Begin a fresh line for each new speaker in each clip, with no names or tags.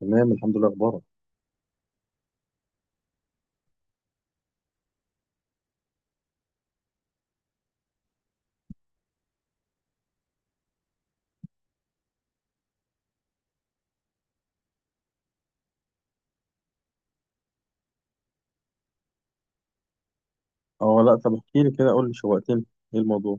تمام، الحمد لله. اخبارك؟ اه، لا، طب احكي لي كده، قول لي، شوقتني. ايه الموضوع؟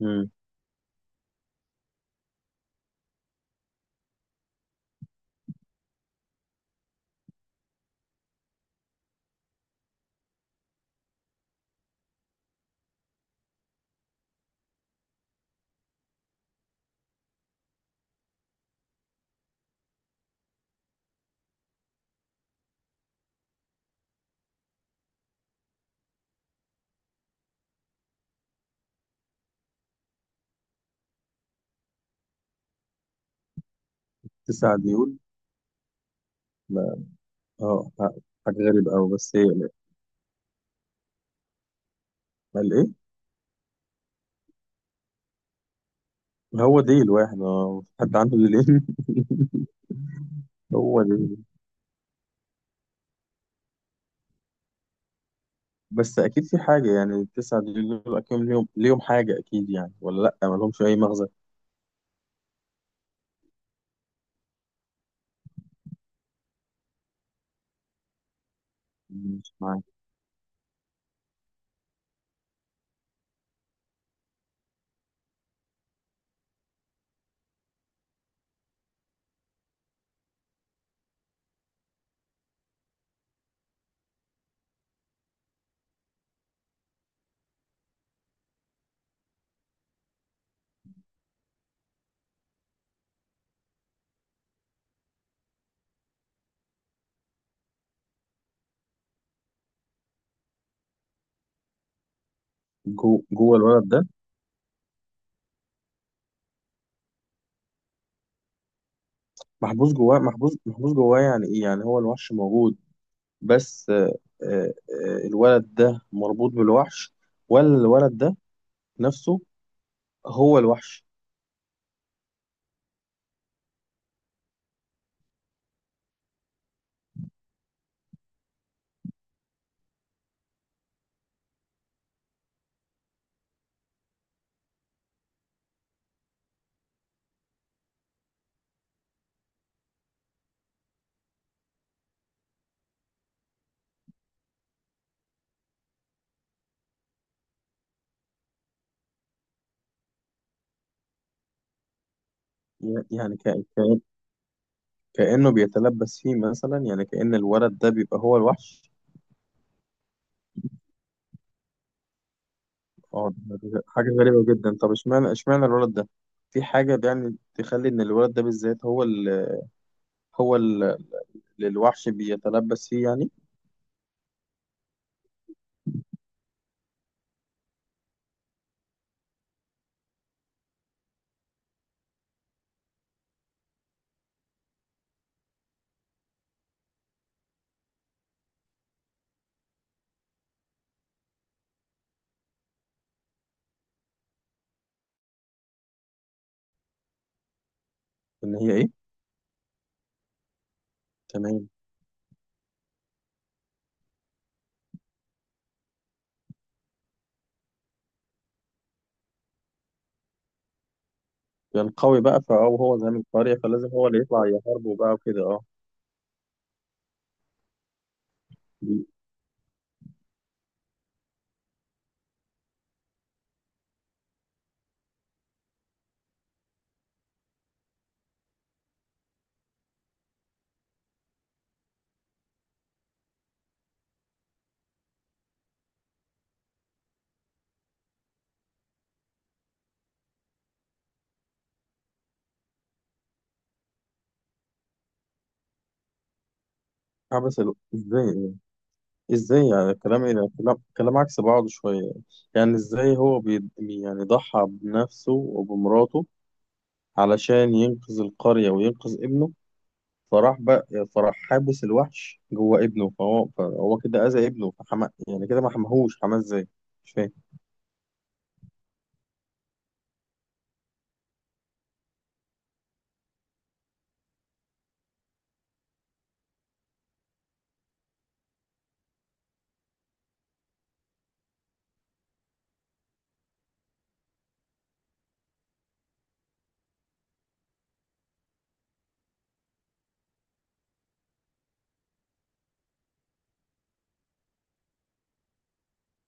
امم. تسع ديول؟ لا. اه، حاجه غريبه قوي. بس ايه؟ قال ايه؟ هو ديل واحد، اه، حد عنده ديلين؟ هو ديل. بس اكيد في حاجه، يعني التسع ديول دول اكيد ليهم حاجه، اكيد يعني، ولا لا، ما لهمش اي مغزى؟ مش معاك. جوه الولد ده؟ محبوس جواه، محبوس جواه. يعني ايه؟ يعني هو الوحش موجود، بس آه، الولد ده مربوط بالوحش، ولا الولد ده نفسه هو الوحش؟ يعني كأنه بيتلبس فيه مثلا، يعني كأن الولد ده بيبقى هو الوحش؟ اه، ده حاجة غريبة جدا. طب اشمعنى الولد ده؟ في حاجة يعني تخلي ان الولد ده بالذات هو هو ال- اللي الوحش بيتلبس فيه، يعني. ان هي ايه؟ تمام. يعني القوي بقى، فهو زعيم القرية، فلازم هو اللي يطلع يحاربه بقى وكده، اه. دي- حبس ازاي؟ ازاي يعني؟ الكلام ايه ده؟ كلام عكس بعضه شوية. يعني ازاي هو يعني ضحى بنفسه وبمراته علشان ينقذ القرية وينقذ ابنه؟ فراح بقى فراح حابس الوحش جوه ابنه، فهو كده أذى ابنه. يعني كده، ما حماهوش. حماه ازاي؟ مش فاهم.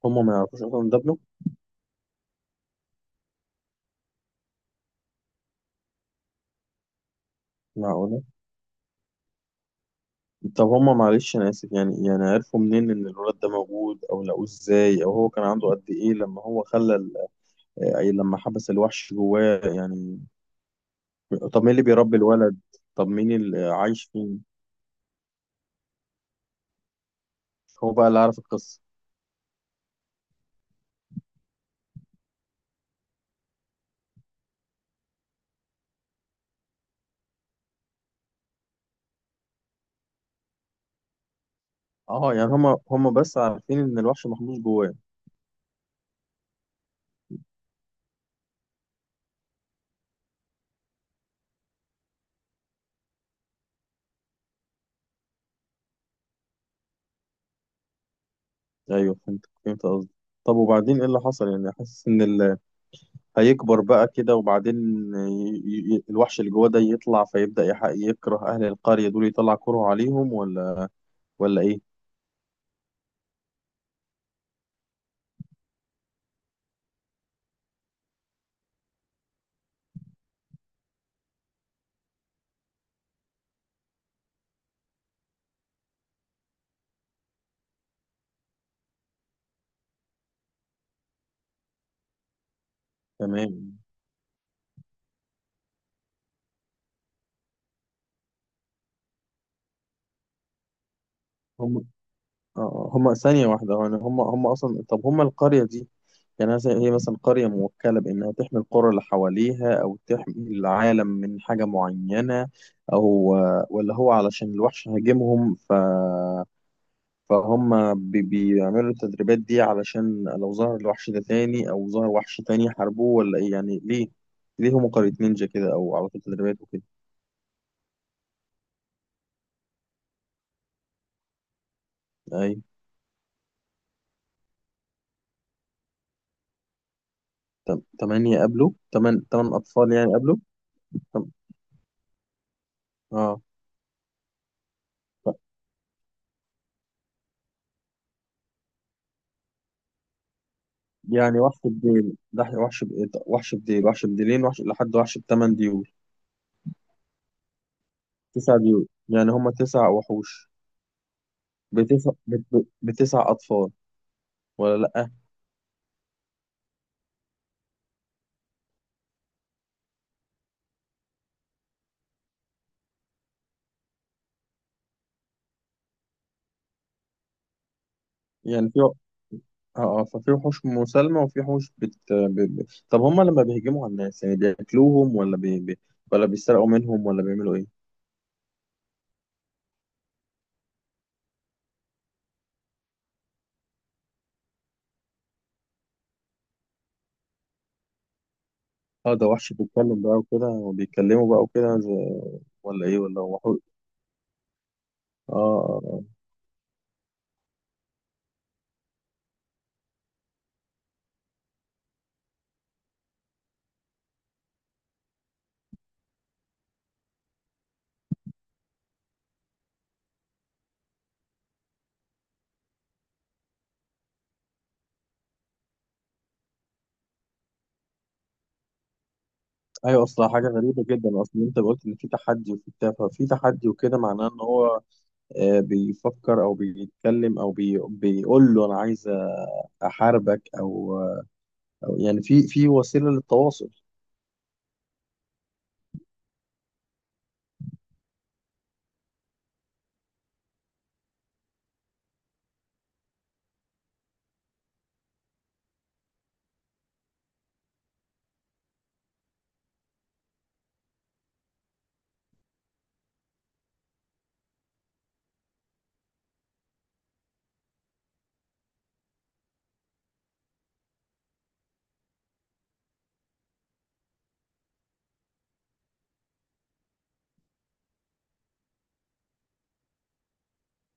هما ما يعرفوش اصلا إن ده ابنه؟ معقولة؟ طب هما، معلش انا اسف، يعني عرفوا منين ان الولاد ده موجود، او لقوه ازاي، او هو كان عنده قد ايه لما هو خلى ال- أي لما حبس الوحش جواه يعني؟ طب مين اللي بيربي الولد؟ طب مين اللي عايش فين؟ هو بقى اللي عارف القصة؟ اه، يعني هما بس عارفين ان الوحش محبوس جواه. ايوه، فهمت قصدي. طب وبعدين ايه اللي حصل؟ يعني حاسس ان هيكبر بقى كده، وبعدين ي... الوحش اللي جواه ده يطلع فيبدأ يكره اهل القرية دول، يطلع كره عليهم؟ ولا ايه؟ تمام. هم، اه هم، ثانية واحدة، يعني هم أصلا، طب هم القرية دي، يعني مثلا هي، مثلا، قرية موكلة بإنها تحمي القرى اللي حواليها، أو تحمي العالم من حاجة معينة، أو ولا هو علشان الوحش هاجمهم، فهم بيعملوا التدريبات دي علشان لو ظهر الوحش ده تاني أو ظهر وحش تاني يحاربوه، ولا إيه يعني؟ ليه؟ ليه هم قرية نينجا كده، أو على طول تدريبات وكده؟ أيوة. تمانية قبلوا؟ تمن أطفال يعني قبلوا؟ تم- اه. يعني وحش بديل ده؟ وحش بإيه ده؟ وحش بديل، وحش بديلين، وحش لحد وحش بتمن ديول؟ تسع ديول يعني هما تسع وحوش؟ بتسع أطفال، ولا لأ؟ يعني في اه آه، ففي وحوش مسالمة وفي وحوش طب هما لما بيهجموا على الناس يعني بياكلوهم، ولا بيسرقوا منهم، ولا بيعملوا ايه؟ اه، ده وحش بيتكلم بقى وكده، وبيتكلموا بقى وكده، زي... ولا ايه؟ ولا هو وحوش؟ اه. آه. آه. ايوه، اصلا حاجة غريبة جدا. اصلا انت قلت ان في تحدي وفي بتاع. ففي تحدي وكده معناه ان هو، بيفكر او بيتكلم، او بيقول له انا عايز احاربك، او أو يعني في وسيله للتواصل.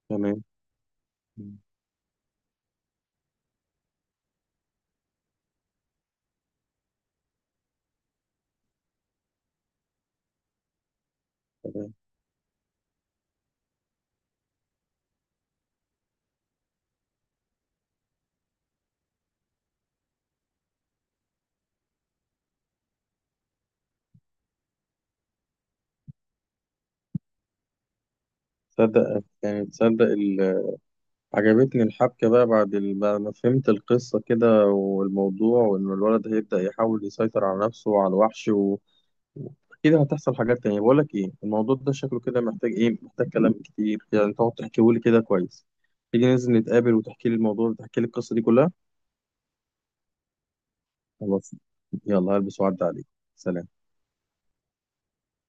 تمام، تمام. تصدق، يعني عجبتني الحبكه بقى، بعد ما فهمت القصه كده والموضوع، وان الولد هيبدا يحاول يسيطر على نفسه وعلى الوحش اكيد هتحصل حاجات تانية. بقول لك ايه، الموضوع ده شكله كده محتاج ايه؟ محتاج كلام كتير يعني، تقعد تحكيه لي كده كويس. تيجي ننزل نتقابل، وتحكي لي الموضوع، وتحكي لي القصه دي كلها؟ خلاص. يلا، هلبس. وعد عليك. سلام.